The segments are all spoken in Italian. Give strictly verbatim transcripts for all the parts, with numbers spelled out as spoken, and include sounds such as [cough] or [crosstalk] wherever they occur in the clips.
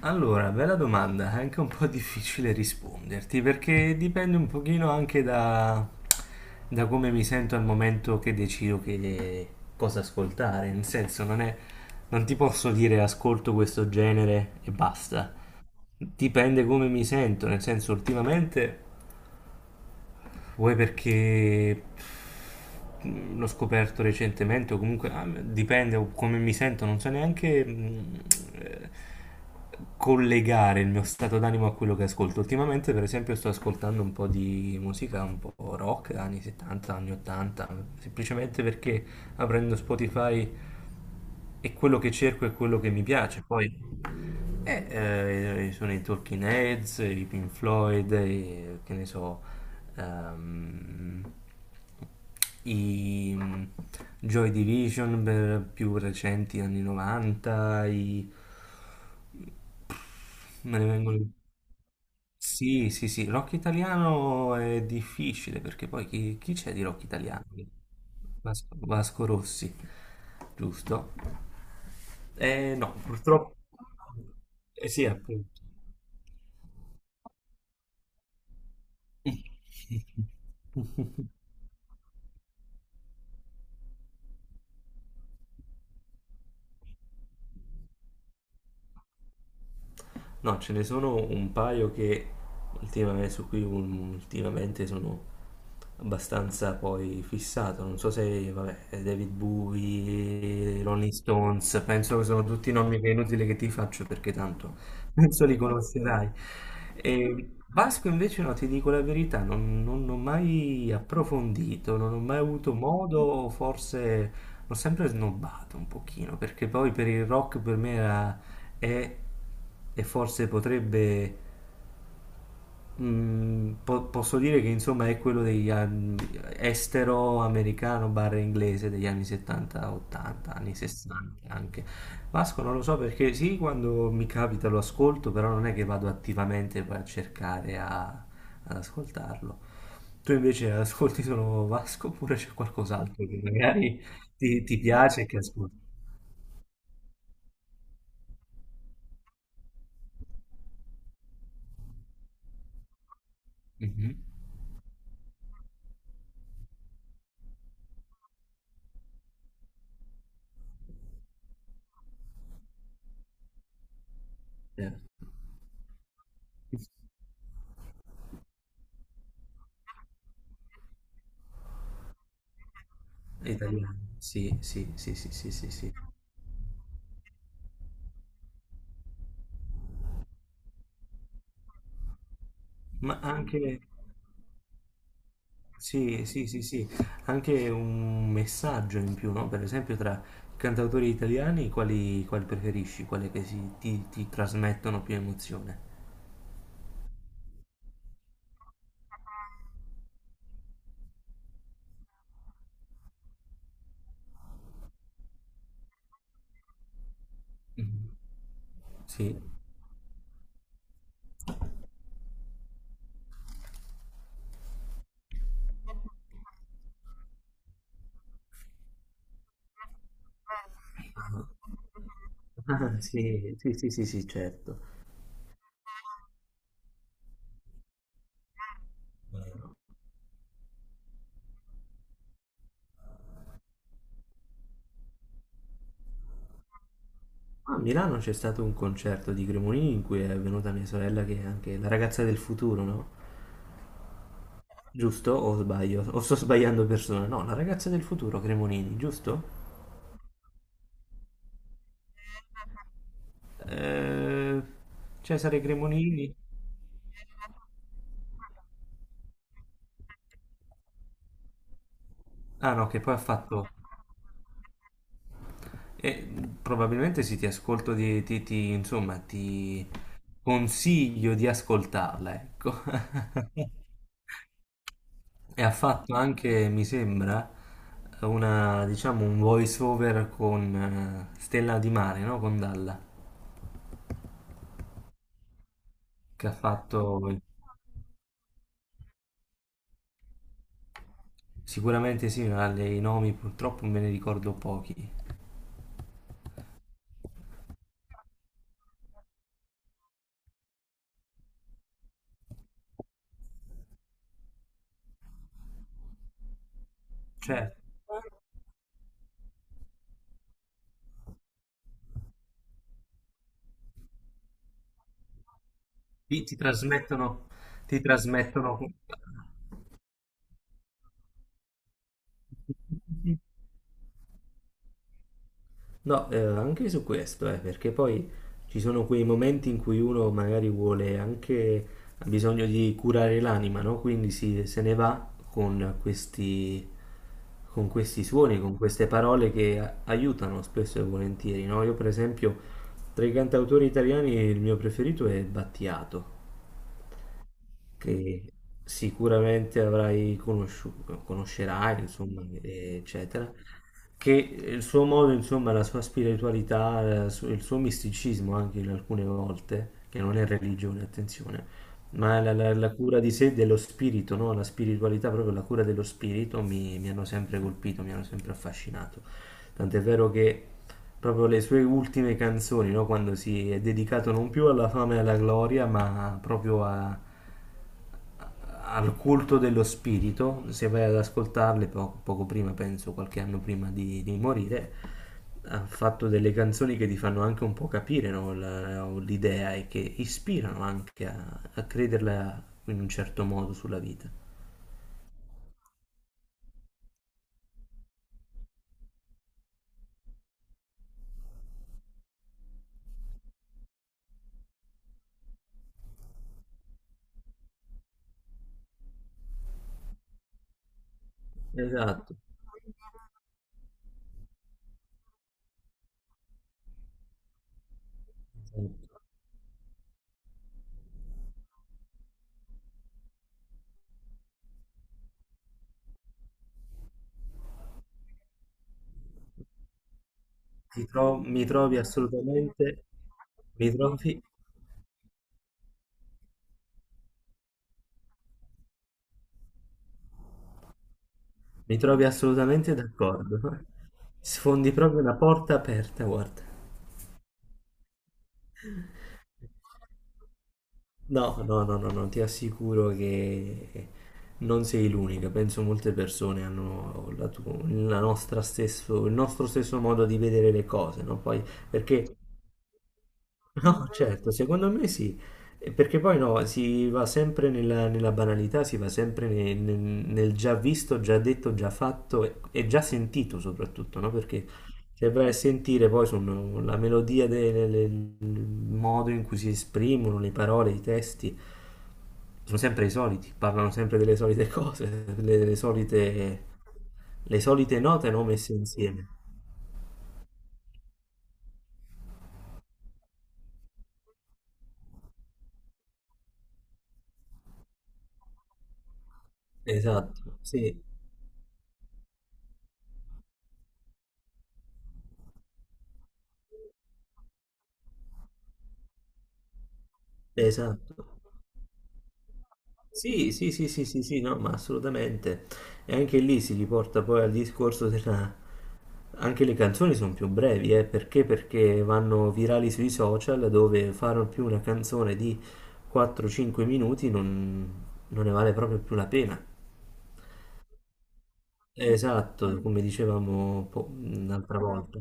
Allora, bella domanda, è anche un po' difficile risponderti perché dipende un pochino anche da, da come mi sento al momento che decido che, cosa ascoltare, nel senso non è, non ti posso dire ascolto questo genere e basta, dipende come mi sento, nel senso ultimamente vuoi perché mh, l'ho scoperto recentemente o comunque ah, dipende o come mi sento, non so neanche mh, eh, collegare il mio stato d'animo a quello che ascolto. Ultimamente, per esempio, sto ascoltando un po' di musica un po' rock, anni settanta, anni ottanta, semplicemente perché aprendo Spotify è quello che cerco, è quello che mi piace. Poi eh, eh, sono i Talking Heads, i Pink Floyd, i- che ne so, ehm, i mm, Joy Division per più recenti anni novanta, i... Me ne vengono... Sì, sì, sì, rock italiano è difficile perché poi chi, chi c'è di rock italiano? Vasco, Vasco Rossi, giusto? Eh no, purtroppo. Eh sì, appunto. No, ce ne sono un paio che ultimamente, su cui un- ultimamente sono abbastanza poi fissato. Non so se, vabbè, David Bowie, Rolling Stones, penso che sono tutti nomi che è inutile che ti faccio perché tanto penso li conoscerai. E Vasco invece no, ti dico la verità, non, non ho mai approfondito, non ho mai avuto modo, forse l'ho sempre snobbato un pochino, perché poi per il rock per me era, è e forse potrebbe Mm, po- posso dire che insomma è quello degli anni estero americano barra inglese degli anni settanta, ottanta, anni sessanta anche. Vasco non lo so perché sì, quando mi capita lo ascolto, però non è che vado attivamente poi a cercare a- ad ascoltarlo. Tu invece ascolti solo Vasco oppure c'è qualcos'altro che magari ti, ti piace e che ascolti? Mhm. Eh, italiano, sì, sì, sì, sì, sì, sì, sì. Ma anche... Sì, sì, sì, sì, anche un messaggio in più, no? Per esempio tra i cantautori italiani, quali, quali preferisci? Quali che si- ti, ti trasmettono più emozione? Mhm. Sì. Ah, [laughs] sì, sì, sì, sì, sì, certo. A Milano c'è stato un concerto di Cremonini in cui è venuta mia sorella che è anche la ragazza del futuro, no? Giusto? O sbaglio? O sto sbagliando persona? No, la ragazza del futuro, Cremonini, giusto? Eh, Cesare Cremonini. Ah no, che poi ha fatto... eh, probabilmente sì, ti ascolto, di, ti, ti- insomma, ti consiglio di ascoltarla, ecco. [laughs] E ha fatto anche, mi sembra, una, diciamo, un voice over con eh, Stella di Mare, no? Con Dalla, che ha fatto... Sicuramente sì, ma le- i nomi purtroppo me ne ricordo pochi. Certo. Ti, ti trasmettono, ti trasmettono. No, eh, anche su questo, eh, perché poi ci sono quei momenti in cui uno magari vuole anche, ha bisogno di curare l'anima, no? Quindi si, se ne va con questi, con questi suoni, con queste parole che a- aiutano spesso e volentieri, no? Io per esempio, tra i cantautori italiani il mio preferito è Battiato, che sicuramente avrai conosciuto, conoscerai, insomma, eccetera, che il suo modo, insomma, la sua spiritualità, la su- il suo misticismo anche in alcune volte, che non è religione, attenzione, ma la, la- la cura di sé, dello spirito, no? La spiritualità, proprio la cura dello spirito mi, mi hanno sempre colpito, mi hanno sempre affascinato. Tant'è vero che proprio le sue ultime canzoni, no? Quando si è dedicato non più alla fama e alla gloria, ma proprio a- al culto dello spirito, se vai ad ascoltarle po- poco prima, penso qualche anno prima di, di morire, ha fatto delle canzoni che ti fanno anche un po' capire no, la- l'idea e che ispirano anche a, a crederla in un certo modo sulla vita. Esatto. Esatto. Ti tro- mi trovi assolutamente, mi trovi, mi trovi assolutamente d'accordo. [laughs] Sfondi proprio una porta aperta, guarda. No, no, no, no, no, ti assicuro che non sei l'unica. Penso molte persone hanno la tu- la nostra stesso, il nostro stesso modo di vedere le cose, no? Poi, perché no, certo, secondo me sì, eh, perché poi no, si va sempre nella, nella banalità, si va sempre ne- nel, nel già visto, già detto, già fatto e, e già sentito soprattutto, no? Perché se vai a sentire poi sono la melodia, de- le- le- il modo in cui si esprimono, le parole, i testi, sono sempre i soliti, parlano sempre delle solite cose, delle, delle solite, le solite note non messe insieme. Esatto, sì, esatto. Sì, sì, sì, sì, sì, sì, no, ma assolutamente. E anche lì si riporta poi al discorso della... Anche le canzoni sono più brevi, eh, perché? Perché vanno virali sui social dove fare più una canzone di quattro cinque minuti non, non ne vale proprio più la pena. Esatto, come dicevamo po- un'altra volta.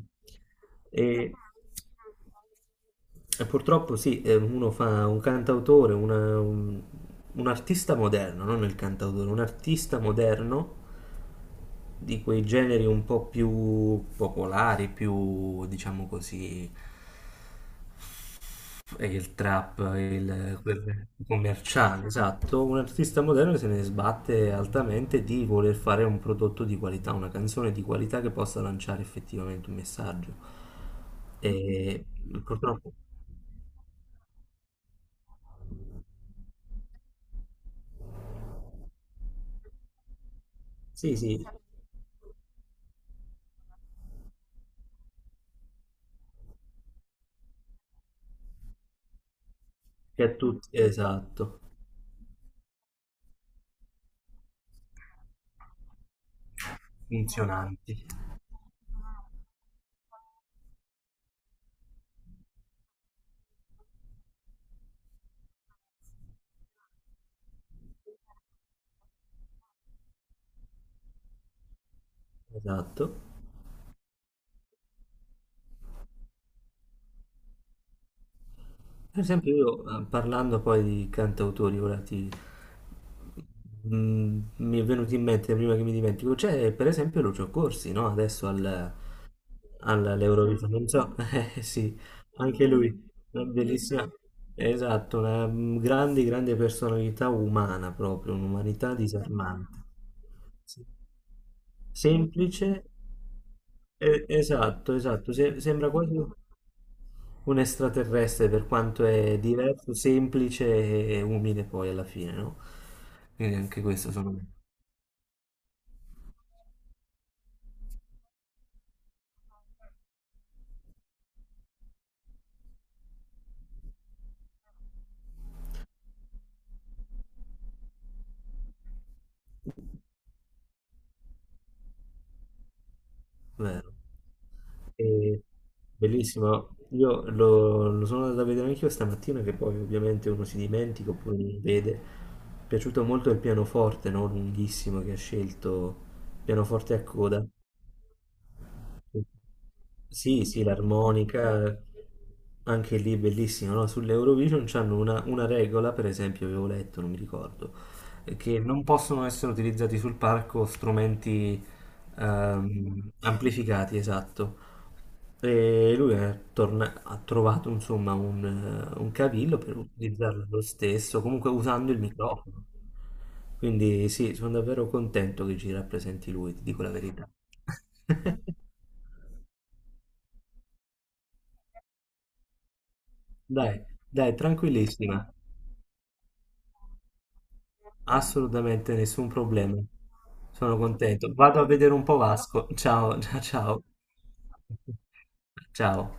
E, e purtroppo sì, eh, uno fa un cantautore, una- un, un artista moderno, non il cantautore, un artista moderno di quei generi un po' più popolari, più diciamo così, e il trap, il, quel commerciale, esatto, un artista moderno se ne sbatte altamente di voler fare un prodotto di qualità, una canzone di qualità che possa lanciare effettivamente un messaggio. E purtroppo, sì, sì, che a tutti, esatto, funzionanti, esatto. Per esempio io, eh, parlando poi di cantautori, ora ti... Mm, mi è venuto in mente prima che mi dimentico, c'è per esempio Lucio Corsi, no? Adesso al, all'Eurovision, non so, [laughs] eh, sì, anche lui, una bellissima, esatto, una mm, grande, grande personalità umana proprio, un'umanità disarmante. Sì. Semplice, eh, esatto, esatto, se- sembra quasi un extraterrestre per quanto è diverso, semplice e umile poi alla fine, no? Quindi anche questo sono vero. E- bellissimo, io lo, lo sono andato a vedere anch'io stamattina che poi ovviamente uno si dimentica oppure non vede. Mi è piaciuto molto il pianoforte, no? Lunghissimo che ha scelto, pianoforte a coda. Sì, sì, l'armonica, anche lì è bellissimo, no? Sull'Eurovision c'hanno una, una regola, per esempio, avevo letto, non mi ricordo, eh, che non possono essere utilizzati sul palco strumenti ehm, amplificati, esatto. E lui è torna- ha trovato, insomma, un, eh, un cavillo per utilizzarlo lo stesso, comunque usando il microfono. Quindi sì, sono davvero contento che ci rappresenti lui, ti dico la verità. [laughs] Dai, dai, tranquillissima. Assolutamente nessun problema. Sono contento. Vado a vedere un po' Vasco. Ciao, [laughs] ciao, ciao. Ciao.